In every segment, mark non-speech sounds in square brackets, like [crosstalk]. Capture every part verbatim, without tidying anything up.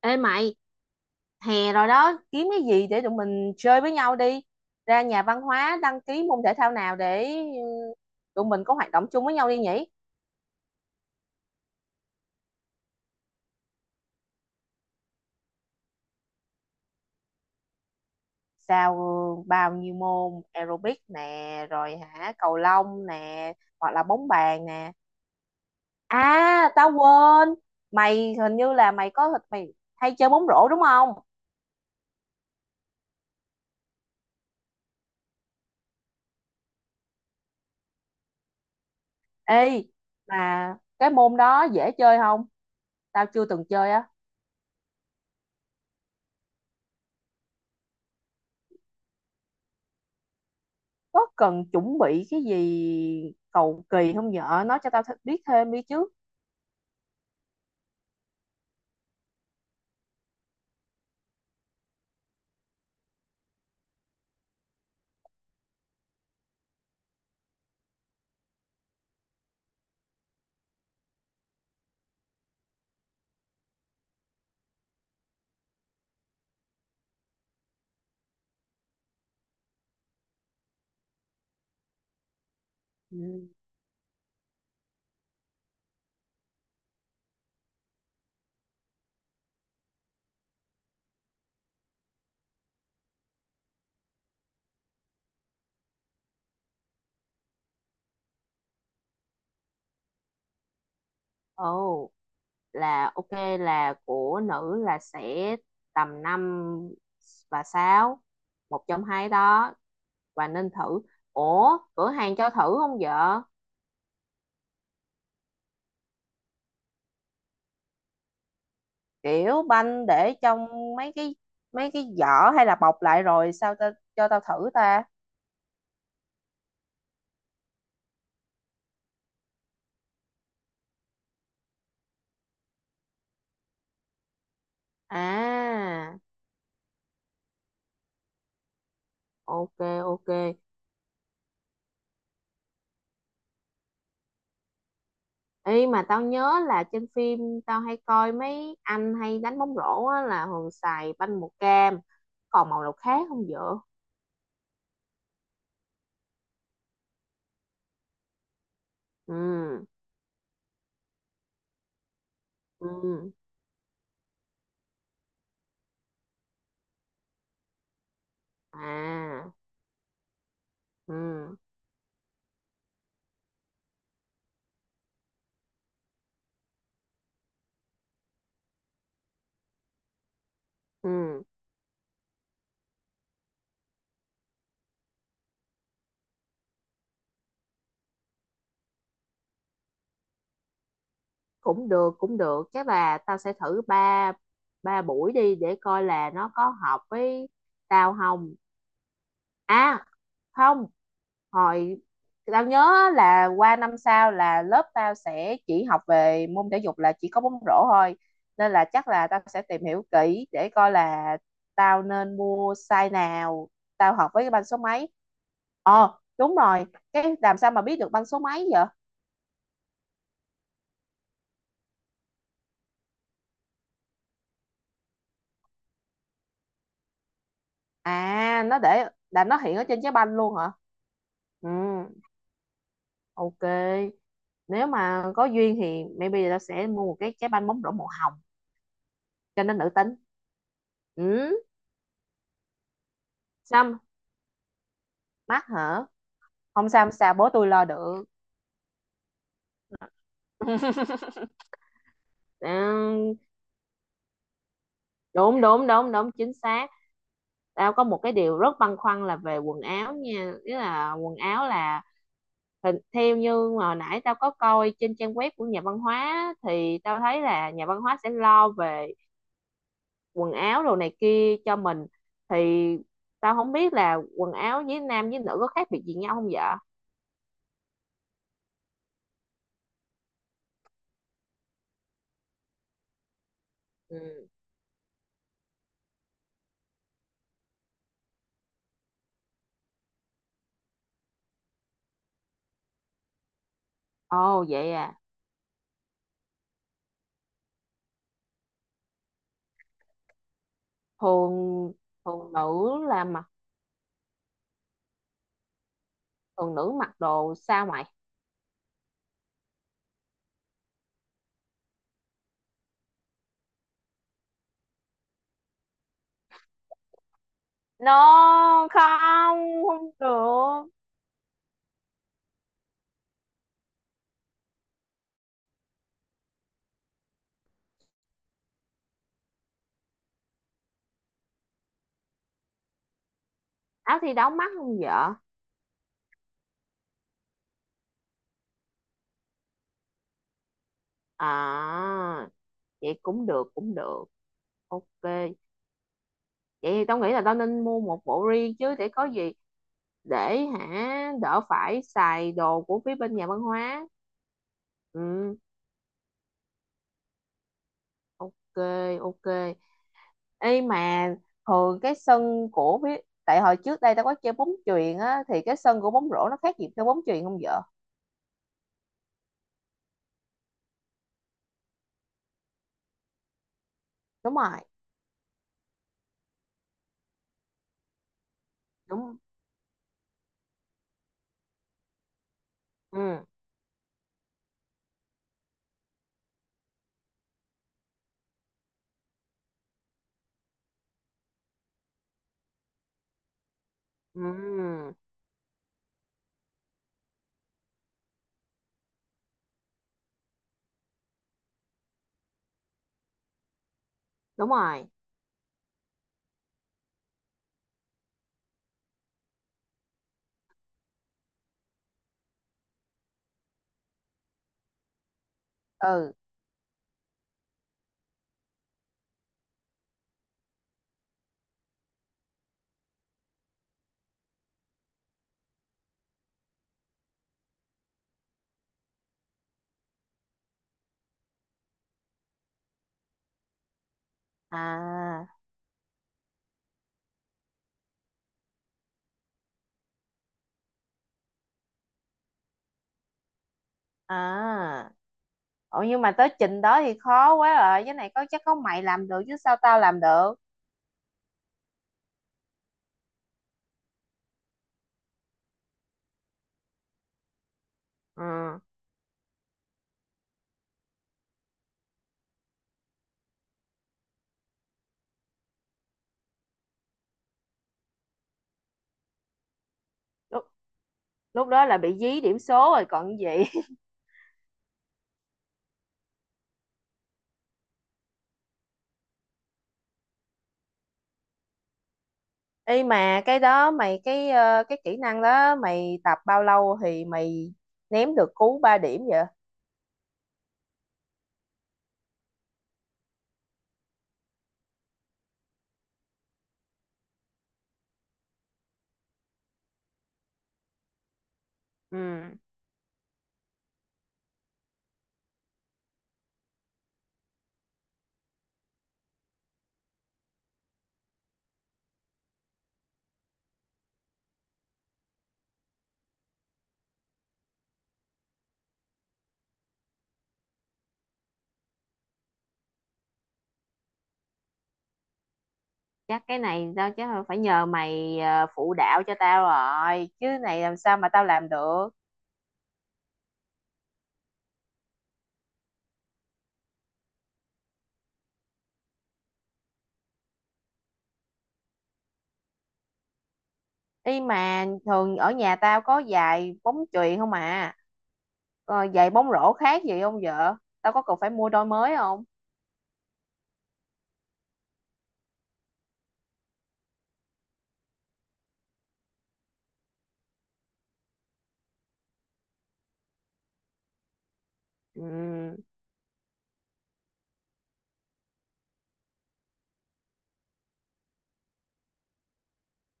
Ê mày, hè rồi đó, kiếm cái gì để tụi mình chơi với nhau đi. Ra nhà văn hóa đăng ký môn thể thao nào để ừ, tụi mình có hoạt động chung với nhau đi nhỉ? Sao ừ, bao nhiêu môn aerobic nè, rồi hả cầu lông nè, hoặc là bóng bàn nè. À, tao quên. Mày hình như là mày có mày hay chơi bóng rổ đúng không? Ê, mà cái môn đó dễ chơi không? Tao chưa từng chơi á. Có cần chuẩn bị cái gì cầu kỳ không vợ, nói cho tao th- biết thêm đi chứ. Ừ. Ồ, là ok, là của nữ là sẽ tầm năm và sáu, một trong hai đó, và nên thử. Ủa, cửa hàng cho thử không vợ? Kiểu banh để trong mấy cái mấy cái giỏ hay là bọc lại rồi sao ta, cho tao thử ta. À, ok ok. Ê, mà tao nhớ là trên phim tao hay coi mấy anh hay đánh bóng rổ á, là thường xài banh màu cam, còn màu nào khác không vợ? Ừ, ừ, à, ừ, ừ, cũng được, cũng được, chắc là tao sẽ thử ba ba buổi đi để coi là nó có hợp với tao không. À, không, hồi tao nhớ á, là qua năm sau là lớp tao sẽ chỉ học về môn thể dục là chỉ có bóng rổ thôi, nên là chắc là tao sẽ tìm hiểu kỹ để coi là tao nên mua size nào, tao học với cái banh số mấy. Ờ đúng rồi. Cái làm sao mà biết được banh số mấy vậy? À, nó để là nó hiện ở trên trái banh luôn hả? Ừ, ok. Nếu mà có duyên thì maybe tao sẽ mua một cái trái banh bóng rổ màu hồng cho nên nữ tính. Ừ, xăm mắt hả? Không sao, không sao, bố tôi lo được. [laughs] À, đúng đúng đúng đúng, chính xác. Tao có một cái điều rất băn khoăn là về quần áo nha, ý là quần áo là hình- theo như mà hồi nãy tao có coi trên trang web của nhà văn hóa á, thì tao thấy là nhà văn hóa sẽ lo về quần áo đồ này kia cho mình, thì tao không biết là quần áo với nam với nữ có khác biệt gì nhau không vậy. Ừ. Ồ vậy à? Thường, thường nữ là mặc thường nữ mặc đồ sao mày? No, không, không được. Áo thi đấu mắc không vợ? À, vậy cũng được, cũng được. Ok vậy thì tao nghĩ là tao nên mua một bộ riêng chứ, để có gì để hả đỡ phải xài đồ của phía bên nhà văn hóa. Ừ, ok ok. Ê mà thường cái sân của ví- tại hồi trước đây tao có chơi bóng chuyền á, thì cái sân của bóng rổ nó khác gì chơi bóng chuyền không vợ? Đúng rồi. Đúng. Ừ. Ừ. Đúng rồi. Ừ. À. À. Ủa nhưng mà tới trình đó thì khó quá rồi. Cái này có chắc có mày làm được chứ sao tao làm được. Ừ. Lúc, lúc đó là bị dí điểm số rồi còn gì. [laughs] Ê, mà cái đó mày cái ờ, cái kỹ năng đó mày tập bao lâu thì mày ném được cú ba điểm vậy? Ừ. Chắc cái này tao chắc là phải nhờ mày ờ, phụ đạo cho tao rồi chứ này, làm sao mà tao làm được. Ý mà thường ở nhà tao có giày bóng chuyền không à? Ờ, giày bóng rổ khác gì không vợ? Tao có cần phải mua đôi mới không? Ừ,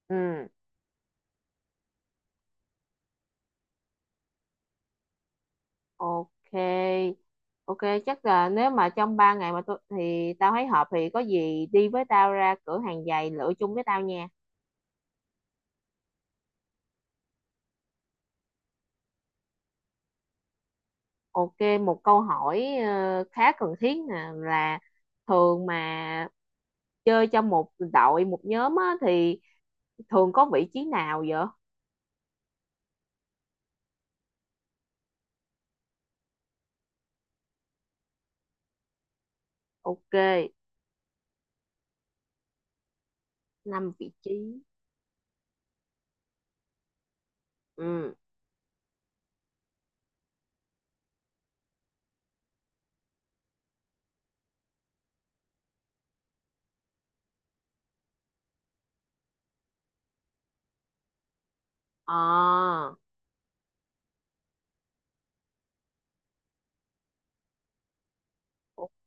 ừ, ok ok. Chắc là nếu mà trong ba ngày mà tôi thì tao thấy hợp thì có gì đi với tao ra cửa hàng giày lựa chung với tao nha. Ok, một câu hỏi ờ, khá cần thiết nè, là thường mà chơi trong một đội một nhóm á, thì thường có vị trí nào vậy? Ok, năm vị trí. Ừ. À,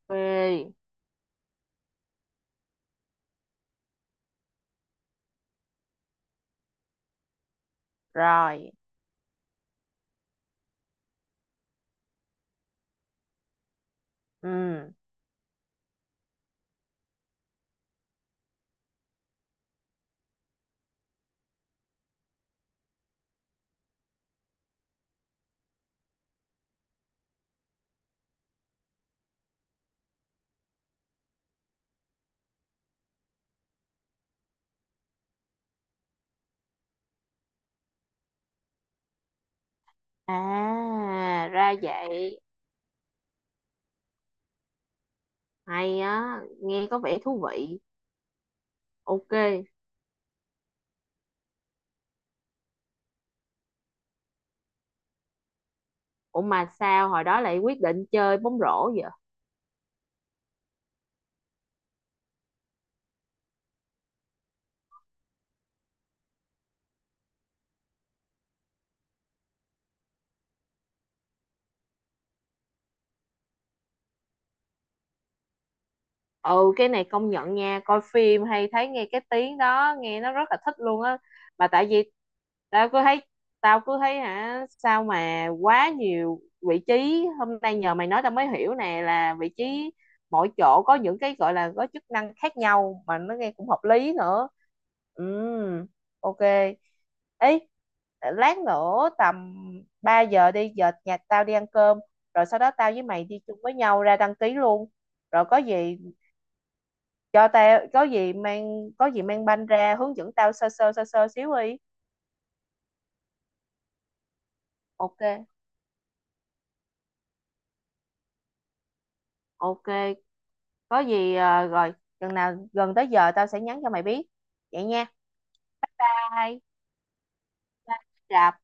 ok, rồi. Ừ. À ra vậy, hay á, nghe có vẻ thú vị. Ok. Ủa mà sao hồi đó lại quyết định chơi bóng rổ vậy? Ừ, cái này công nhận nha, coi phim hay thấy nghe cái tiếng đó nghe nó rất là thích luôn á. Mà tại vì tao cứ thấy tao cứ thấy hả sao mà quá nhiều vị trí. Hôm nay nhờ mày nói tao mới hiểu nè, là vị trí mỗi chỗ có những cái gọi là có chức năng khác nhau mà nó nghe cũng hợp lý nữa. Ừ, ok. Ấy, lát nữa tầm ba giờ đi, giờ nhà tao đi ăn cơm, rồi sau đó tao với mày đi chung với nhau ra đăng ký luôn. Rồi có gì cho tao có gì mang có gì mang banh ra hướng dẫn tao sơ sơ sơ sơ xíu đi. Ok ok. Có gì à, rồi chừng nào gần tới giờ tao sẽ nhắn cho mày biết, vậy nha. Bye. Bye. Rạp.